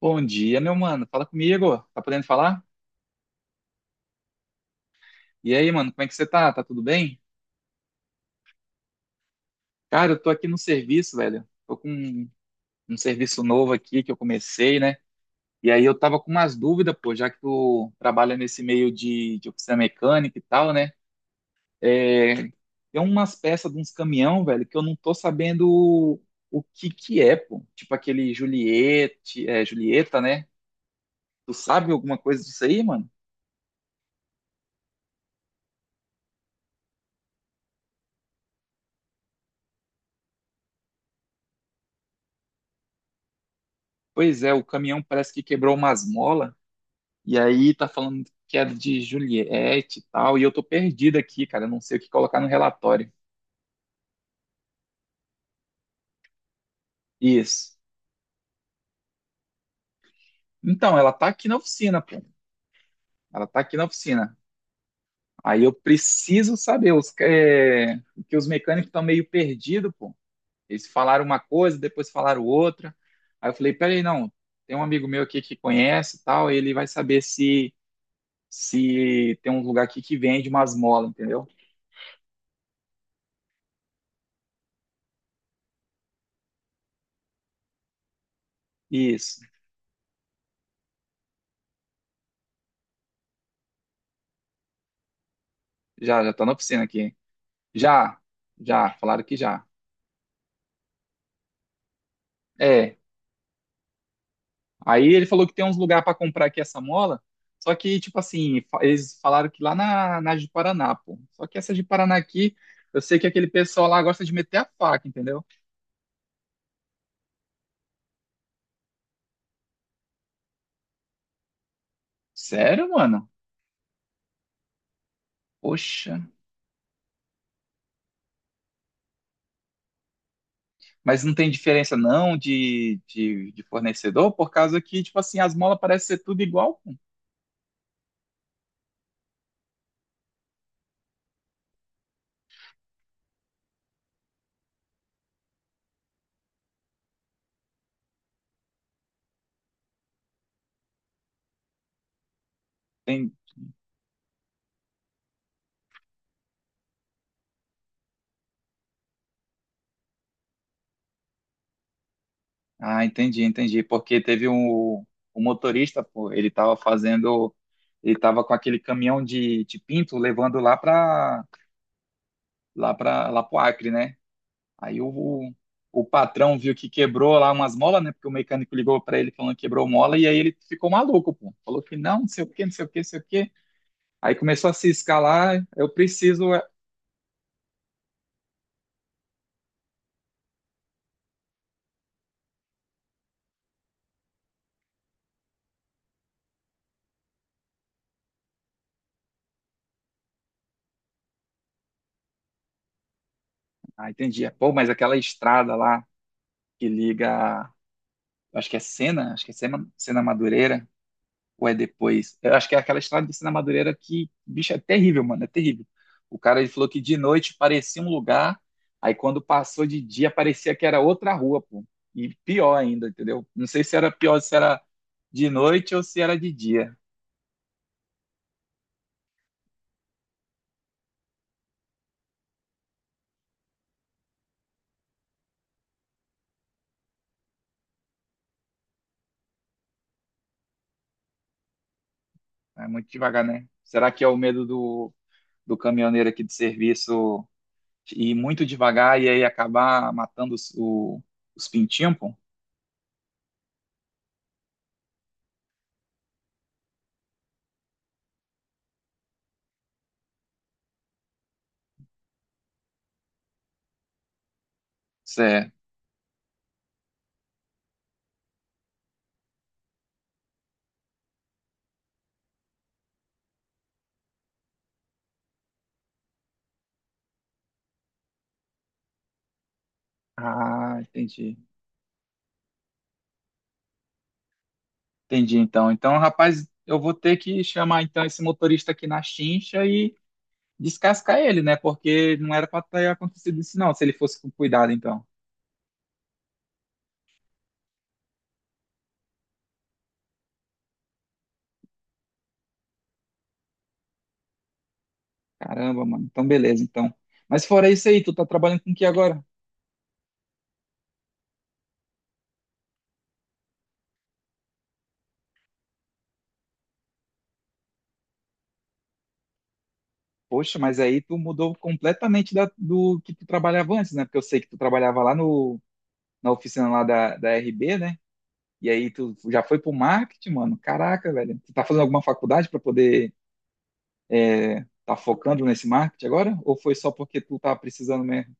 Bom dia, meu mano. Fala comigo. Tá podendo falar? E aí, mano, como é que você tá? Tá tudo bem? Cara, eu tô aqui no serviço, velho. Tô com um serviço novo aqui que eu comecei, né? E aí eu tava com umas dúvidas, pô, já que tu trabalha nesse meio de oficina mecânica e tal, né? É, tem umas peças de uns caminhão, velho, que eu não tô sabendo o que que é, pô. Tipo aquele Juliette, é, Julieta, né? Tu sabe alguma coisa disso aí, mano? Pois é, o caminhão parece que quebrou umas molas. E aí tá falando que é de Juliette e tal, e eu tô perdido aqui, cara, eu não sei o que colocar no relatório. Isso. Então, ela tá aqui na oficina, pô. Ela tá aqui na oficina. Aí eu preciso saber os que, que os mecânicos estão meio perdidos, pô. Eles falaram uma coisa, depois falaram outra. Aí eu falei, peraí, não, tem um amigo meu aqui que conhece e tal, ele vai saber se tem um lugar aqui que vende umas molas, entendeu? Isso. Já, já tá na oficina aqui. Já, já, falaram que já. É, aí ele falou que tem uns lugares para comprar aqui essa mola, só que, tipo assim, eles falaram que lá na de Paraná, pô. Só que essa de Paraná aqui, eu sei que aquele pessoal lá gosta de meter a faca, entendeu? Sério, mano? Poxa. Mas não tem diferença não de fornecedor, por causa que, tipo assim, as molas parecem ser tudo igual, pô. Tem. Ah, entendi, entendi. Porque teve um motorista, pô, ele tava fazendo, ele tava com aquele caminhão de pinto levando lá pra lá para lá pro Acre, né? Aí o patrão viu que quebrou lá umas molas, né? Porque o mecânico ligou para ele falando que quebrou mola, e aí ele ficou maluco, pô. Falou que não, não sei o quê, não sei o quê, não sei o quê. Aí começou a se escalar, eu preciso. Ah, entendi. Pô, mas aquela estrada lá que liga, acho que é Sena, Sena Madureira ou é depois? Eu acho que é aquela estrada de Sena Madureira que, bicho, é terrível, mano, é terrível. O cara ele falou que de noite parecia um lugar, aí quando passou de dia parecia que era outra rua, pô. E pior ainda, entendeu? Não sei se era pior, se era de noite ou se era de dia. É muito devagar, né? Será que é o medo do caminhoneiro aqui de serviço ir muito devagar e aí acabar matando os pintinhos, pô? Isso é. Ah, entendi. Entendi, então. Então, rapaz, eu vou ter que chamar então esse motorista aqui na chincha e descascar ele, né? Porque não era para ter acontecido isso, não, se ele fosse com cuidado, então. Caramba, mano. Então, beleza, então. Mas fora isso aí, tu tá trabalhando com o que agora? Poxa, mas aí tu mudou completamente do que tu trabalhava antes, né? Porque eu sei que tu trabalhava lá no, na oficina lá da RB, né? E aí tu já foi pro marketing, mano. Caraca, velho. Tu tá fazendo alguma faculdade para poder tá focando nesse marketing agora? Ou foi só porque tu tá precisando mesmo?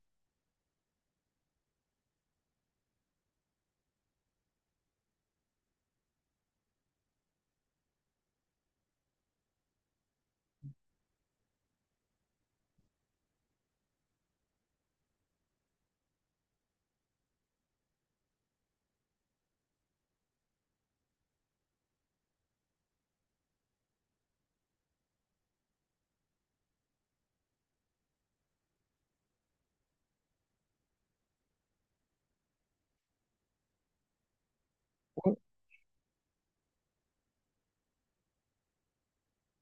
Pô,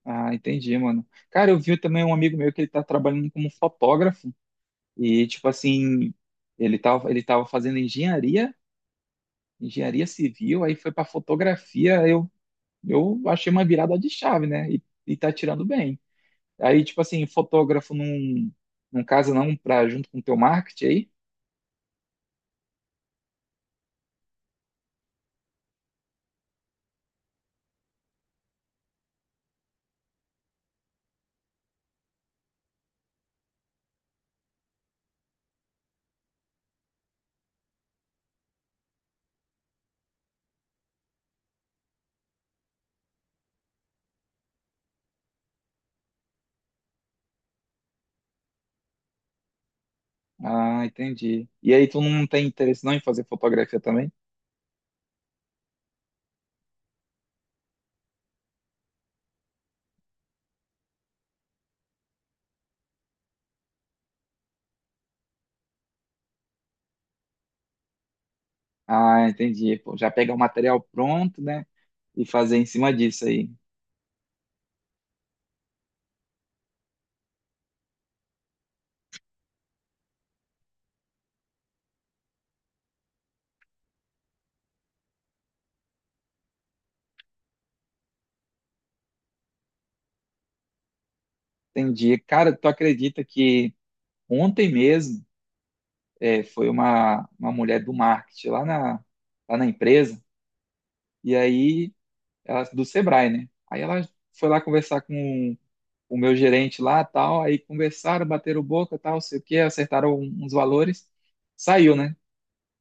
ah, entendi, mano. Cara, eu vi também um amigo meu que ele tá trabalhando como fotógrafo e, tipo assim, ele tava fazendo engenharia civil, aí foi pra fotografia, eu achei uma virada de chave, né? E tá tirando bem. Aí, tipo assim, fotógrafo num caso não pra junto com o teu marketing aí? Ah, entendi. E aí tu não tem interesse não em fazer fotografia também? Ah, entendi. Pô, já pegar o material pronto, né? E fazer em cima disso aí. Entendi. Cara, tu acredita que ontem mesmo foi uma mulher do marketing lá na empresa, e aí, ela, do Sebrae, né? Aí ela foi lá conversar com o meu gerente lá, tal, aí conversaram, bateram boca, tal, sei o quê, acertaram um, uns valores, saiu, né?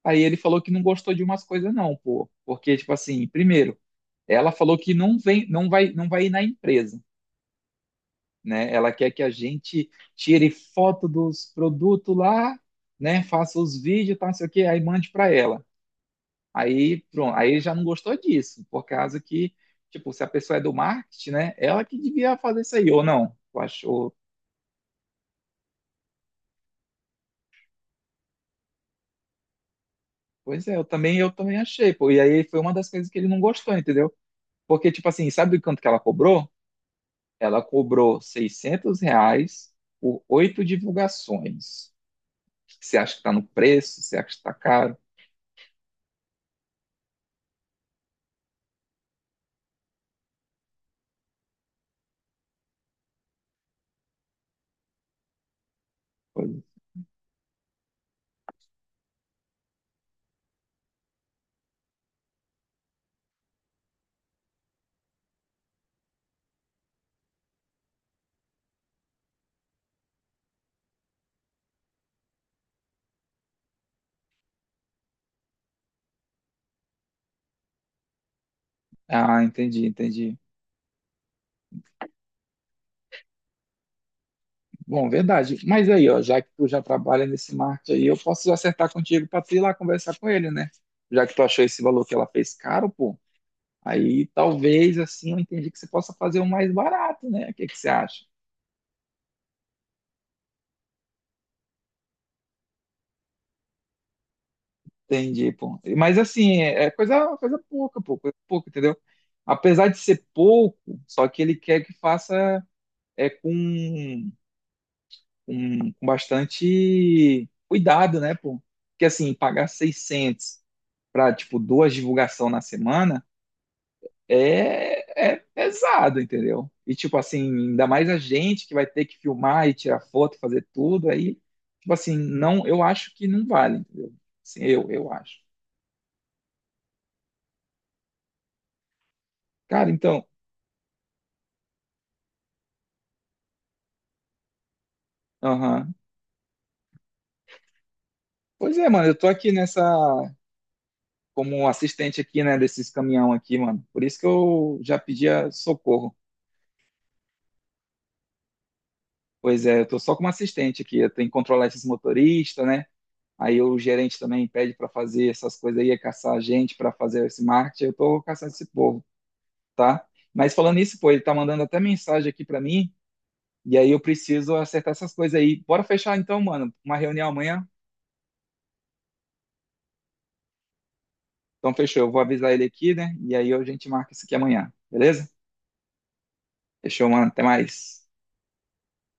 Aí ele falou que não gostou de umas coisas não, pô, porque, tipo assim, primeiro, ela falou que não vem, não vai ir na empresa. Né? Ela quer que a gente tire foto dos produtos lá, né? Faça os vídeos, tá, não sei o quê, aí mande para ela. Aí, pronto, aí já não gostou disso, por causa que, tipo, se a pessoa é do marketing, né? Ela que devia fazer isso aí, ou não? Eu acho, pois é, eu também achei, pô. E aí foi uma das coisas que ele não gostou, entendeu? Porque, tipo assim, sabe o quanto que ela cobrou? Ela cobrou R$ 600 por oito divulgações. Você acha que tá no preço? Você acha que tá caro? Ah, entendi, entendi. Bom, verdade. Mas aí, ó, já que tu já trabalha nesse marketing aí, eu posso acertar contigo para tu ir lá conversar com ele, né? Já que tu achou esse valor que ela fez caro, pô, aí talvez assim eu entendi que você possa fazer o mais barato, né? O que que você acha? Entendi, pô. Mas assim, é coisa pouca, pô, coisa pouca, entendeu? Apesar de ser pouco, só que ele quer que faça é com bastante cuidado, né, pô? Porque assim, pagar 600 para tipo duas divulgação na semana é pesado, entendeu? E tipo assim, ainda mais a gente que vai ter que filmar e tirar foto, fazer tudo aí, tipo assim, não, eu acho que não vale, entendeu? Assim, eu acho. Cara, então, aham. Pois é, mano, eu tô aqui nessa como assistente aqui, né, desses caminhão aqui, mano. Por isso que eu já pedia socorro. Pois é, eu tô só como assistente aqui, eu tenho que controlar esses motoristas, né? Aí o gerente também pede para fazer essas coisas aí, é caçar a gente para fazer esse marketing. Eu estou caçando esse povo, tá? Mas falando isso, pô, ele tá mandando até mensagem aqui para mim, e aí eu preciso acertar essas coisas aí. Bora fechar então, mano, uma reunião amanhã. Então fechou, eu vou avisar ele aqui, né? E aí a gente marca isso aqui amanhã, beleza? Fechou, mano, até mais.